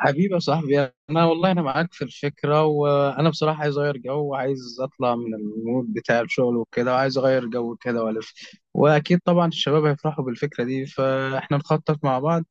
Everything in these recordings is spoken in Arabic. حبيبي يا صاحبي، انا والله انا معاك في الفكره، وانا بصراحه عايز اغير جو وعايز اطلع من المود بتاع الشغل وكده، وعايز اغير جو كده والف. واكيد طبعا الشباب هيفرحوا بالفكره دي، فاحنا نخطط مع بعض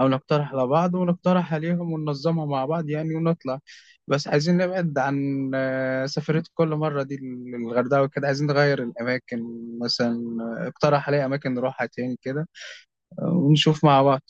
او نقترح على بعض ونقترح عليهم وننظمها مع بعض يعني ونطلع. بس عايزين نبعد عن سفرية كل مره دي للغردقه وكده، عايزين نغير الاماكن مثلا. اقترح عليا اماكن نروحها تاني كده، ونشوف مع بعض.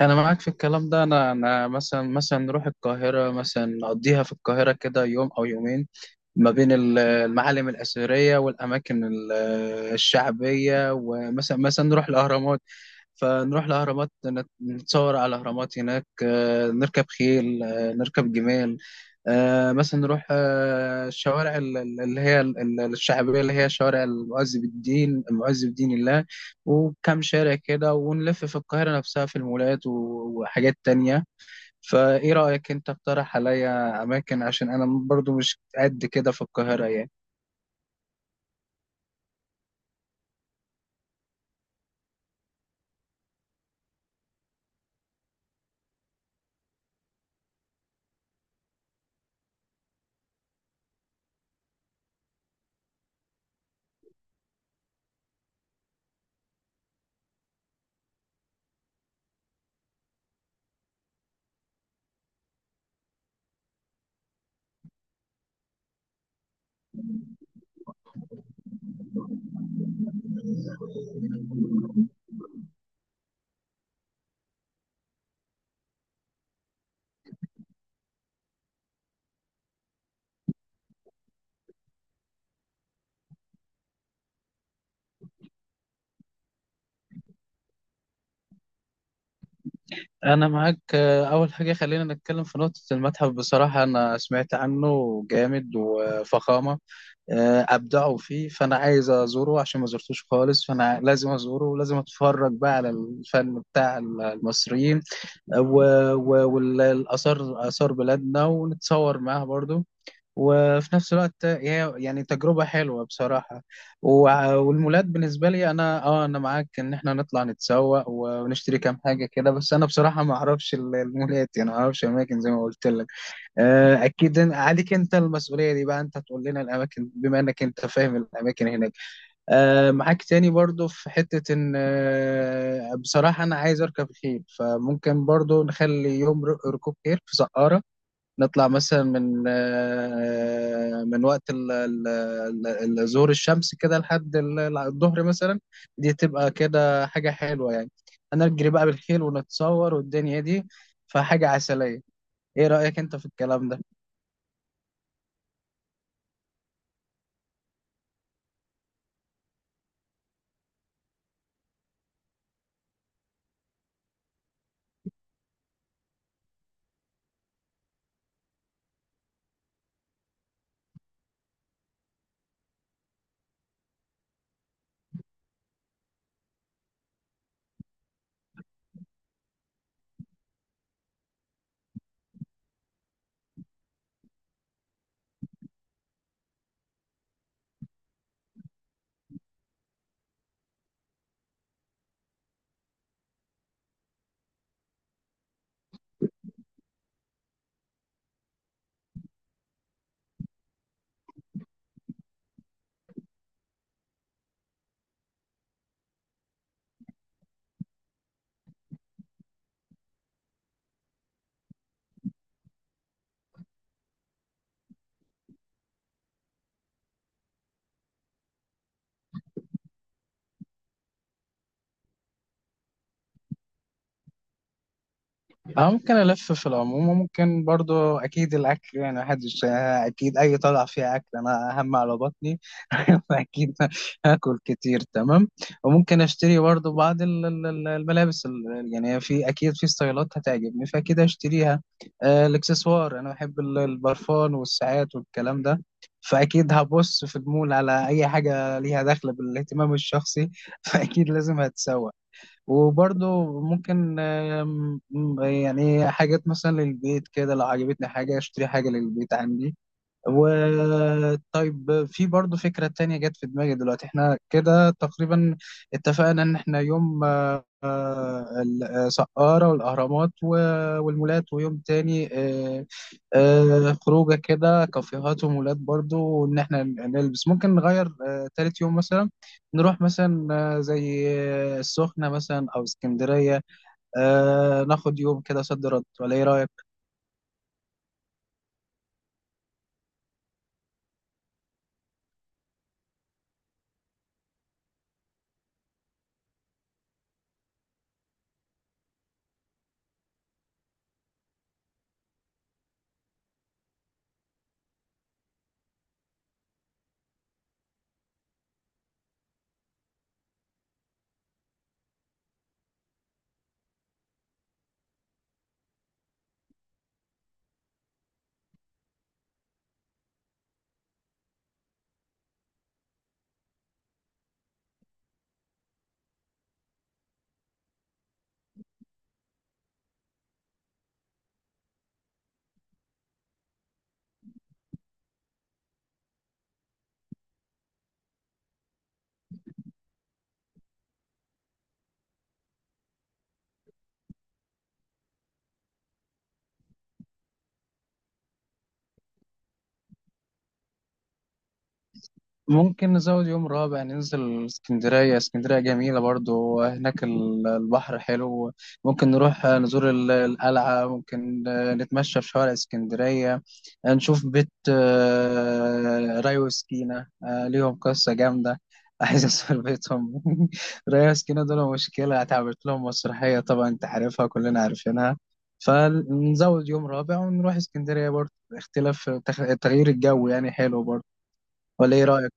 انا معاك في الكلام ده. انا مثلا نروح القاهره، مثلا نقضيها في القاهره كده يوم او يومين ما بين المعالم الأثرية والأماكن الشعبية، ومثلا نروح الأهرامات. فنروح الأهرامات، نتصور على الأهرامات هناك، نركب خيل، نركب جمال. مثلا نروح الشوارع اللي هي الشعبية، اللي هي شوارع المعز بالدين، المعز بدين الله وكم شارع كده، ونلف في القاهرة نفسها في المولات وحاجات تانية. فايه رأيك انت؟ اقترح عليا اماكن، عشان انا برضو مش قد كده في القاهرة يعني. انا معاك. اول حاجة خلينا نتكلم في نقطة المتحف. بصراحة انا سمعت عنه جامد وفخامة، ابدعوا فيه، فانا عايز ازوره عشان ما زرتوش خالص، فانا لازم ازوره ولازم اتفرج بقى على الفن بتاع المصريين والاثار، اثار بلادنا، ونتصور معاها برضو. وفي نفس الوقت هي يعني تجربة حلوة بصراحة. والمولات بالنسبة لي أنا أه أنا معاك إن إحنا نطلع نتسوق ونشتري كام حاجة كده. بس أنا بصراحة ما أعرفش المولات، يعني ما أعرفش أماكن زي ما قلت لك. أكيد عليك أنت المسؤولية دي بقى، أنت تقول لنا الأماكن بما إنك أنت فاهم الأماكن هناك. معاك تاني برضو في حتة إن بصراحة أنا عايز أركب خيل، فممكن برضو نخلي يوم ركوب خيل في سقارة. نطلع مثلا من من وقت ال- ظهور الشمس كده لحد الظهر مثلا. دي تبقى كده حاجة حلوة يعني، هنجري بقى بالخيل ونتصور والدنيا دي، فحاجة عسلية. ايه رأيك انت في الكلام ده؟ أنا ممكن ألف في العموم، وممكن برضو أكيد الأكل، يعني محدش. أكيد أي طلعة فيها أكل أنا أهم على بطني. أكيد هاكل كتير، تمام. وممكن أشتري برضو بعض الملابس، يعني في أكيد في ستايلات هتعجبني فأكيد أشتريها. الإكسسوار أنا بحب البرفان والساعات والكلام ده، فأكيد هبص في المول على أي حاجة ليها دخل بالاهتمام الشخصي. فأكيد لازم هتسوق. وبرضه ممكن، يعني حاجات مثلا للبيت كده، لو عجبتني حاجة اشتري حاجة للبيت عندي. وطيب في برضه فكرة تانية جت في دماغي دلوقتي. احنا كده تقريبا اتفقنا ان احنا يوم آه، السقارة والأهرامات والمولات، ويوم تاني خروجة كده كافيهات ومولات برضو وإن إحنا نلبس. ممكن نغير تالت يوم مثلا، نروح مثلا زي السخنة مثلا أو اسكندرية. ناخد يوم كده صد رد، ولا إيه رأيك؟ ممكن نزود يوم رابع ننزل اسكندرية. اسكندرية جميلة برضو، هناك البحر حلو، ممكن نروح نزور القلعة، ممكن نتمشى في شوارع اسكندرية، نشوف بيت راي وسكينة. ليهم قصة جامدة. عايز أسافر بيتهم. راي وسكينة دول مشكلة، اتعملت لهم مسرحية، طبعا أنت عارفها كلنا عارفينها. فنزود يوم رابع ونروح اسكندرية برضو، اختلاف، تغيير الجو يعني حلو برضو. ولا إيه رأيك؟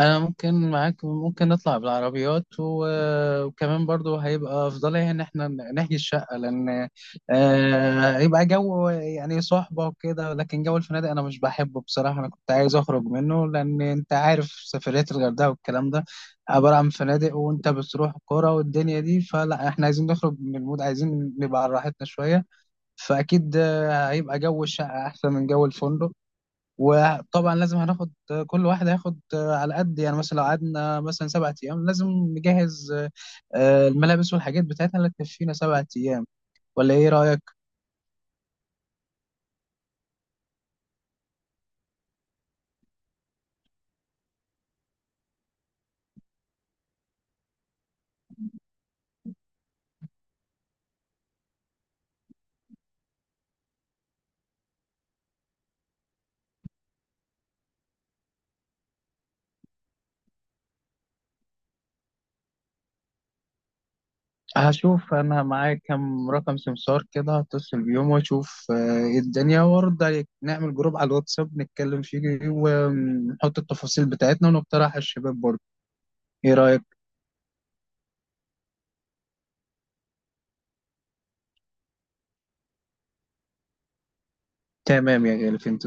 انا ممكن معاك، ممكن نطلع بالعربيات، وكمان برضو هيبقى افضليه ان احنا نحجز شقه، لان هيبقى جو يعني صحبه وكده. لكن جو الفنادق انا مش بحبه بصراحه، انا كنت عايز اخرج منه، لان انت عارف سفريات الغردقه والكلام ده عباره عن فنادق، وانت بتروح كوره والدنيا دي، فلا احنا عايزين نخرج من المود، عايزين نبقى على راحتنا شويه. فاكيد هيبقى جو الشقه احسن من جو الفندق. وطبعا لازم هناخد، كل واحد هياخد على قد، يعني مثلا لو قعدنا مثلا 7 أيام لازم نجهز الملابس والحاجات بتاعتنا اللي تكفينا 7 أيام. ولا إيه رأيك؟ هشوف أنا معايا كام رقم سمسار كده، هتصل بيهم وأشوف إيه الدنيا وأرد عليك. نعمل جروب على الواتساب نتكلم فيه ونحط التفاصيل بتاعتنا ونقترح على الشباب برضه. إيه رأيك؟ تمام يا غالي، فهمت.